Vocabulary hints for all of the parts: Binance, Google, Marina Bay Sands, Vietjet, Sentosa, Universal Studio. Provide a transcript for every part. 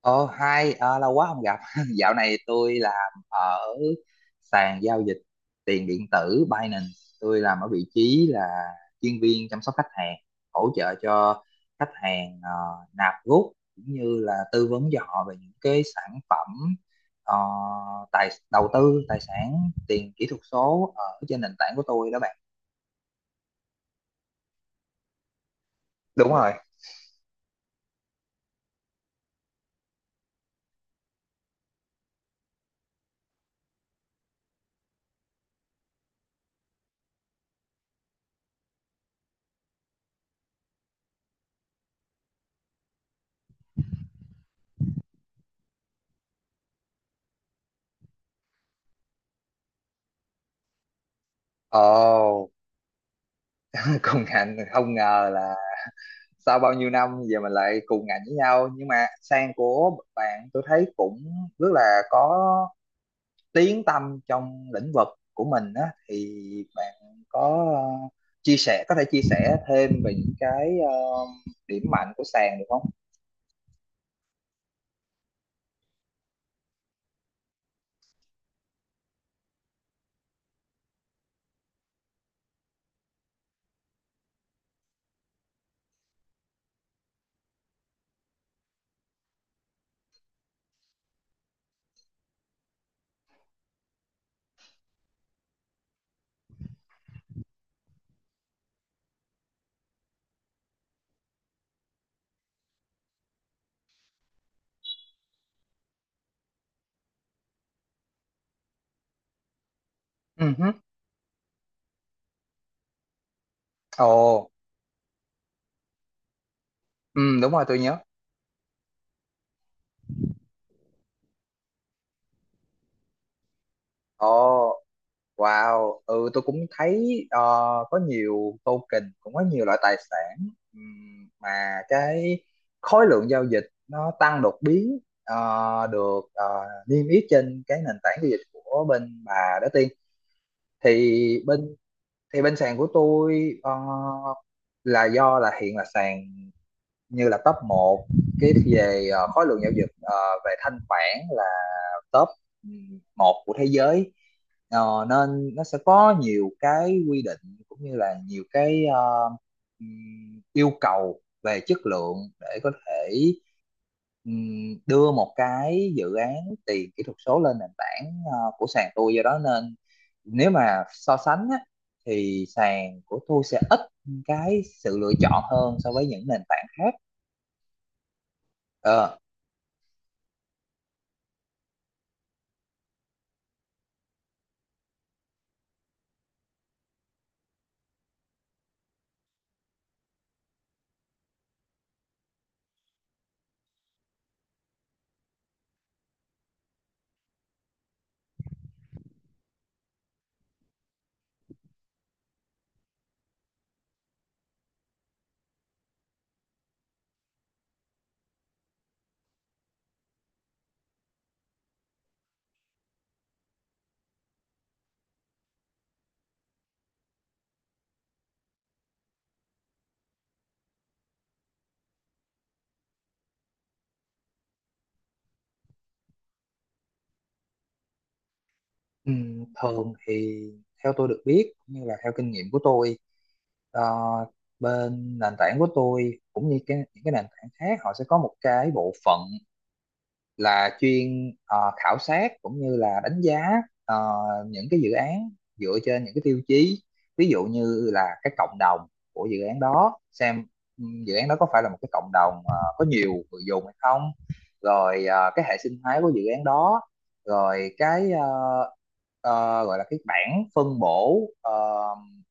Ờ, hai lâu quá không gặp. Dạo này tôi làm ở sàn giao dịch tiền điện tử Binance. Tôi làm ở vị trí là chuyên viên chăm sóc khách hàng, hỗ trợ cho khách hàng, nạp rút cũng như là tư vấn cho họ về những cái sản phẩm, ờ, tài đầu tư, tài sản, tiền kỹ thuật số ở trên nền tảng của tôi đó bạn. Đúng rồi. Ồ, công ngành không ngờ, sau bao nhiêu năm giờ mình lại cùng ngành với nhau. Nhưng mà sang của bạn tôi thấy cũng rất là có tiếng tăm trong lĩnh vực của mình á, thì bạn có, ờ, chia sẻ có thể chia sẻ thêm về những cái điểm mạnh của sàn được không? Ừ hứ. Ồ, ừ, đúng rồi, tôi nhớ. Ồ, wow, ừ, tôi cũng thấy có nhiều token, cũng có nhiều loại tài sản, mà cái khối lượng giao dịch nó tăng đột biến, được niêm yết trên cái nền tảng giao dịch của bên bà đó, Tiên. Thì bên thì bên sàn của tôi, là do là hiện là sàn như là top một cái về khối lượng giao dịch, về thanh khoản là top một của thế giới. Ờ, nên nó sẽ có nhiều cái quy định cũng như là nhiều cái yêu cầu về chất lượng để có thể, đưa một cái dự án tiền kỹ thuật số lên nền tảng của sàn tôi. Do đó nên nếu mà so sánh á, thì sàn của tôi sẽ ít cái sự lựa chọn hơn so với những nền tảng khác. Ờ, Thường thì theo tôi được biết cũng như là theo kinh nghiệm của tôi, ờ, bên nền tảng của tôi cũng như những cái nền tảng khác, họ sẽ có một cái bộ phận là chuyên khảo sát cũng như là đánh giá ờ, những cái dự án, dựa trên những cái tiêu chí, ví dụ như là cái cộng đồng của dự án đó, xem dự án đó có phải là một cái cộng đồng có nhiều người dùng hay không, rồi cái hệ sinh thái của dự án đó, rồi cái, gọi là cái bảng phân bổ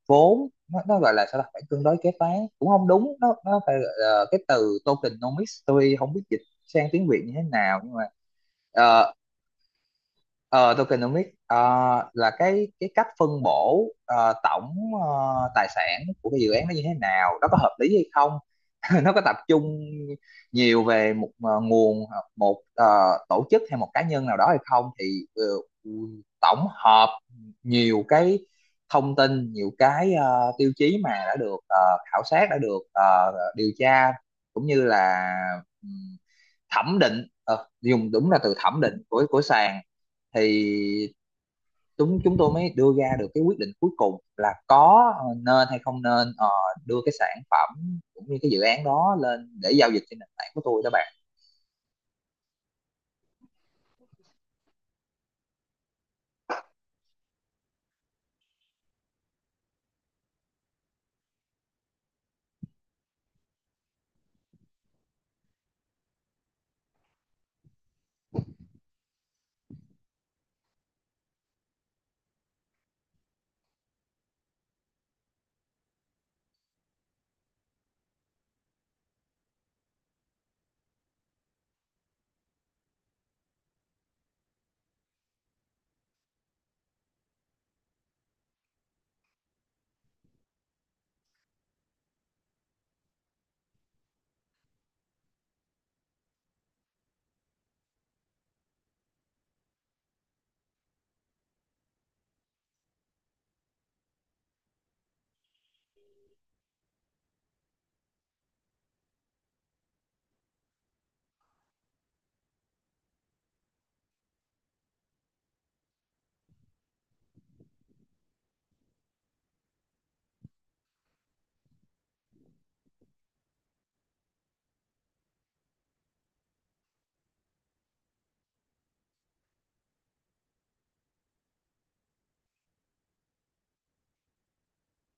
vốn. Nó gọi là sao ta, bảng cân đối kế toán cũng không đúng, nó phải gọi là cái từ tokenomics, tôi không biết sang tiếng Việt như thế nào nhưng mà, ờ, ờ, tokenomics là cái cách phân bổ tổng tài sản của cái dự án nó như thế nào, nó có hợp lý hay không, nó có tập trung nhiều về một nguồn hoặc một tổ chức hay một cá nhân nào đó hay không. Thì ờ, tổng hợp nhiều cái thông tin, nhiều cái tiêu chí mà đã được khảo sát, đã được điều tra cũng như là thẩm định, dùng đúng là từ thẩm định, của sàn, thì chúng chúng tôi mới đưa ra được cái quyết định cuối cùng là có nên hay không nên đưa cái sản phẩm cũng như cái dự án đó lên để giao dịch trên nền tảng của tôi đó bạn.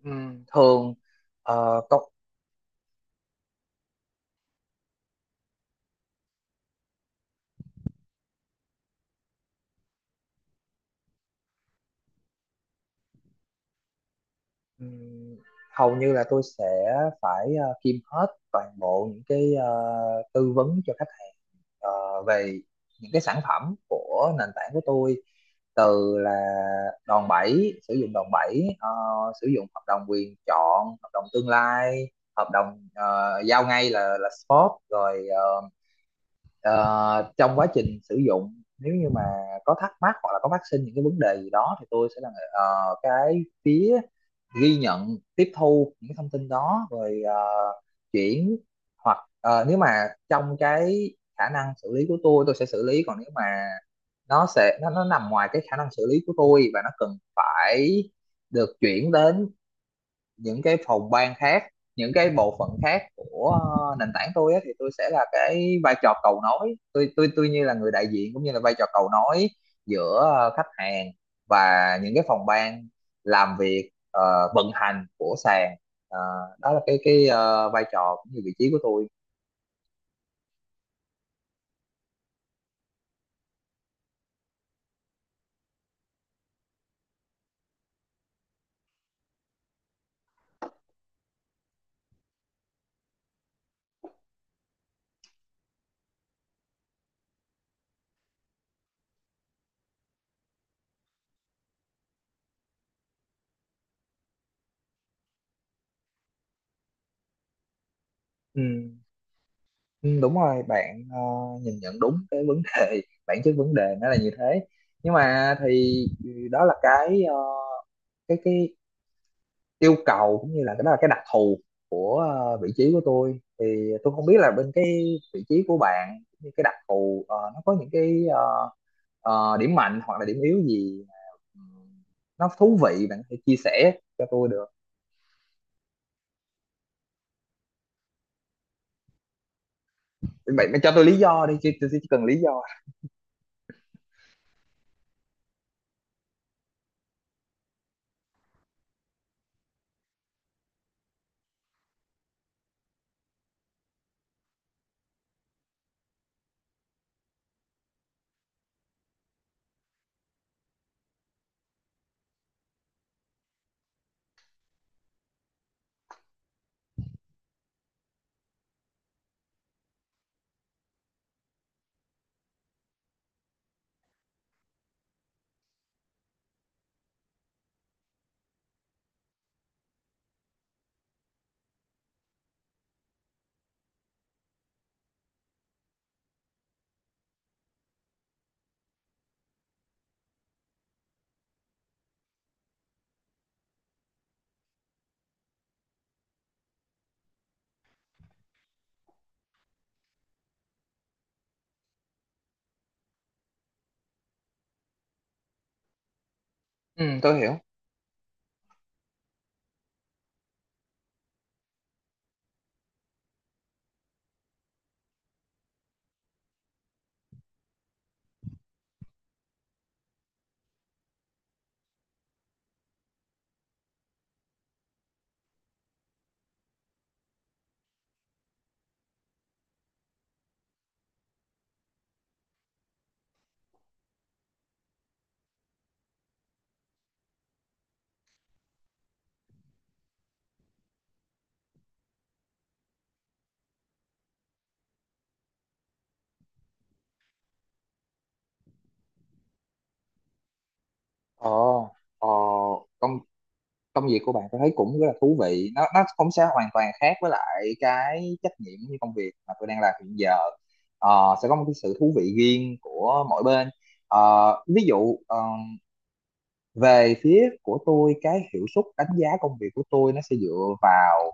Ừm, thường ờ, công, ừm, Hầu như là tôi sẽ phải kiêm hết toàn bộ những cái tư vấn cho khách ờ, về những cái sản phẩm của nền tảng của tôi, từ là đòn bẩy, sử dụng đòn bẩy, sử dụng hợp đồng quyền chọn, hợp đồng tương lai, hợp đồng giao ngay là spot rồi. Ờ, Ờ, Trong quá trình sử dụng, nếu như mà có thắc mắc hoặc là có phát sinh những cái vấn đề gì đó, thì tôi sẽ là cái phía ghi nhận, tiếp thu những thông tin đó rồi chuyển. Hoặc nếu mà trong cái khả năng xử lý của tôi sẽ xử lý, còn nếu mà nó nằm ngoài cái khả năng xử lý của tôi và nó cần phải được chuyển đến những cái phòng ban khác, những cái bộ phận khác của nền tảng tôi á, thì tôi sẽ là cái vai trò cầu nối. Tôi như là người đại diện cũng như là vai trò cầu nối giữa khách hàng và những cái phòng ban làm việc, vận hành của sàn. Ờ, đó là cái vai trò cũng như vị trí của tôi. Ừ, ừ, đúng rồi bạn, nhìn nhận đúng cái vấn đề, bản chất vấn đề nó là như thế. Nhưng mà thì đó là cái, cái yêu cầu cũng như là cái, đó là cái đặc thù của vị trí của tôi. Thì tôi không biết là bên cái vị trí của bạn cũng như cái đặc thù, nó có những cái, điểm mạnh hoặc là điểm yếu gì mà ừm, nó thú vị, bạn có thể chia sẻ cho tôi được? Bạn cho tôi lý do đi chứ, tôi chỉ cần lý do. Ừ, tôi hiểu. Ồ, ờ, công công việc của bạn tôi thấy cũng rất là thú vị, nó không sẽ hoàn toàn khác với lại cái trách nhiệm như công việc mà tôi đang làm hiện giờ. Ờ, sẽ có một cái sự thú vị riêng của mỗi bên. Ờ, ví dụ về phía của tôi, cái hiệu suất đánh giá công việc của tôi nó sẽ dựa vào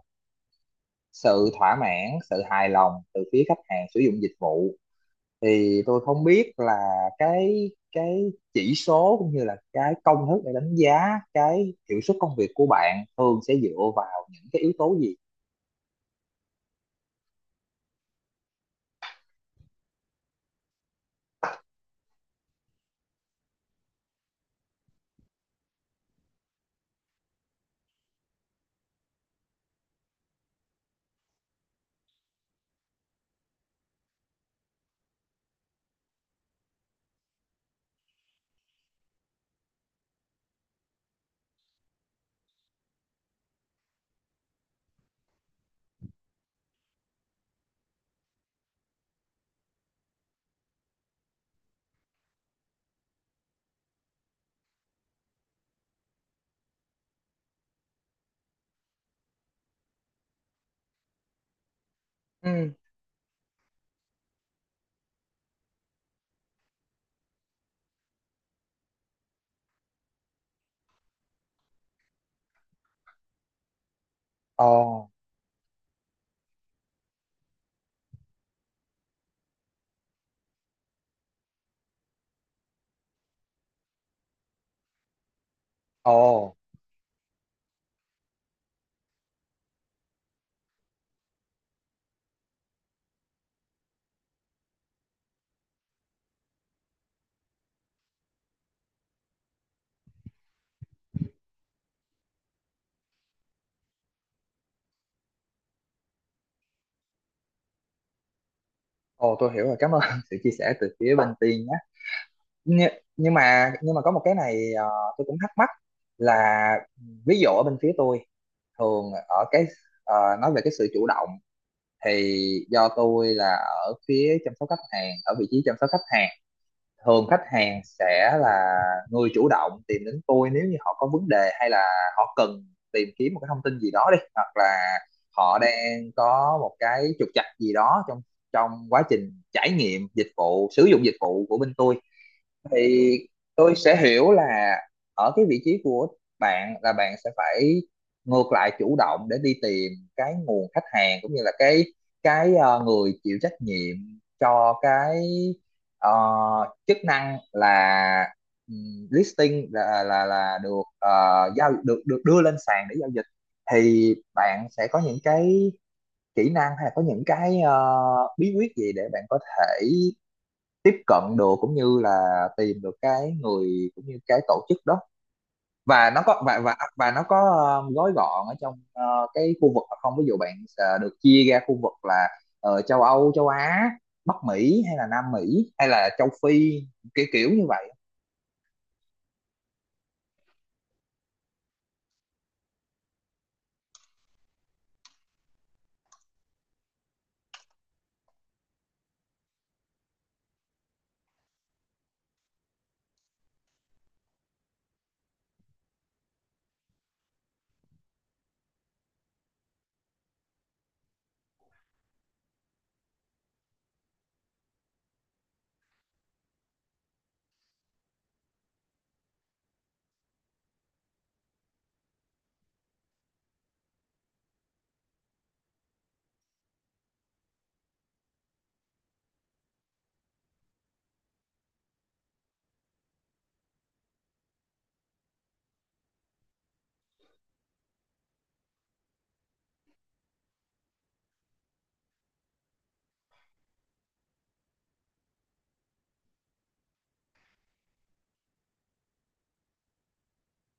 sự thỏa mãn, sự hài lòng từ phía khách hàng sử dụng dịch vụ. Thì tôi không biết là cái chỉ số cũng như là cái công thức để đánh giá cái hiệu suất công việc của bạn thường sẽ dựa vào những cái yếu tố gì? Ừ. Ồ, ồ, ồ, tôi hiểu rồi, cảm ơn sự chia sẻ từ phía bên Tiên nhé. Nhưng, nhưng mà có một cái này, tôi cũng thắc mắc là, ví dụ ở bên phía tôi, thường ở cái, ờ, nói về cái sự chủ động, thì do tôi là ở phía chăm sóc khách hàng, ở vị trí chăm sóc khách hàng, thường khách hàng sẽ là người chủ động tìm đến tôi nếu như họ có vấn đề, hay là họ cần tìm kiếm một cái thông tin gì đó đi, hoặc là họ đang có một cái trục trặc gì đó trong trong quá trình trải nghiệm dịch vụ, sử dụng dịch vụ của bên tôi. Thì tôi sẽ hiểu là ở cái vị trí của bạn, là bạn sẽ phải ngược lại chủ động để đi tìm cái nguồn khách hàng, cũng như là cái người chịu trách nhiệm cho cái, ờ, chức năng là, listing, là là được giao, được được đưa lên sàn để giao dịch. Thì bạn sẽ có những cái kỹ năng, hay là có những cái bí quyết gì để bạn có thể tiếp cận được, cũng như là tìm được cái người cũng như cái tổ chức đó? Và nó có gói gọn ở trong cái khu vực hay không? Ví dụ bạn được chia ra khu vực là châu Âu, châu Á, Bắc Mỹ, hay là Nam Mỹ, hay là châu Phi, kiểu kiểu như vậy.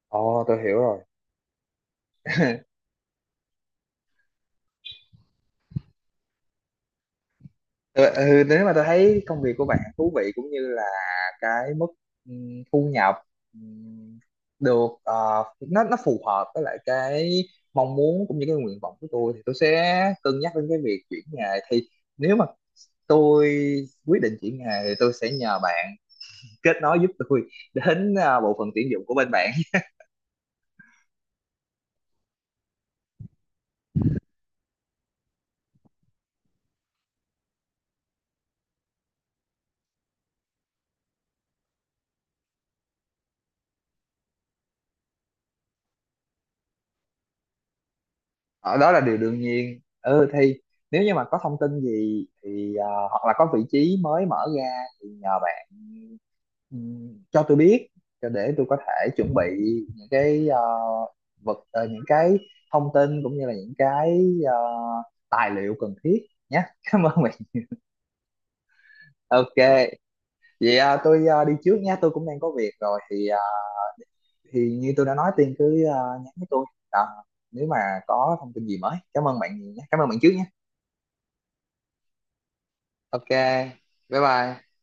Ồ, tôi hiểu rồi. Ừ, ừ, nếu mà tôi thấy công việc của bạn thú vị, cũng như là cái mức thu nhập ừm, được nó phù hợp với lại cái mong muốn cũng như cái nguyện vọng của tôi, thì tôi sẽ cân nhắc đến cái việc chuyển nghề. Thì nếu mà tôi quyết định chuyển nghề, thì tôi sẽ nhờ bạn kết nối giúp tôi đến bộ phận tuyển dụng của bên bạn. Ờ, đó là điều đương nhiên. Ừ thì nếu như mà có thông tin gì thì hoặc là có vị trí mới mở ra, thì nhờ bạn cho tôi biết, cho để tôi có thể chuẩn bị những cái, những cái thông tin cũng như là những cái tài liệu cần thiết nhé. Cảm ơn bạn. OK, vậy tôi đi trước nha, tôi cũng đang có việc rồi, thì như tôi đã nói, Tiên cứ nhắn với tôi. Ờ, nếu mà có thông tin gì mới, cảm ơn bạn nhiều nhé, cảm ơn bạn trước nhé. OK, bye bye.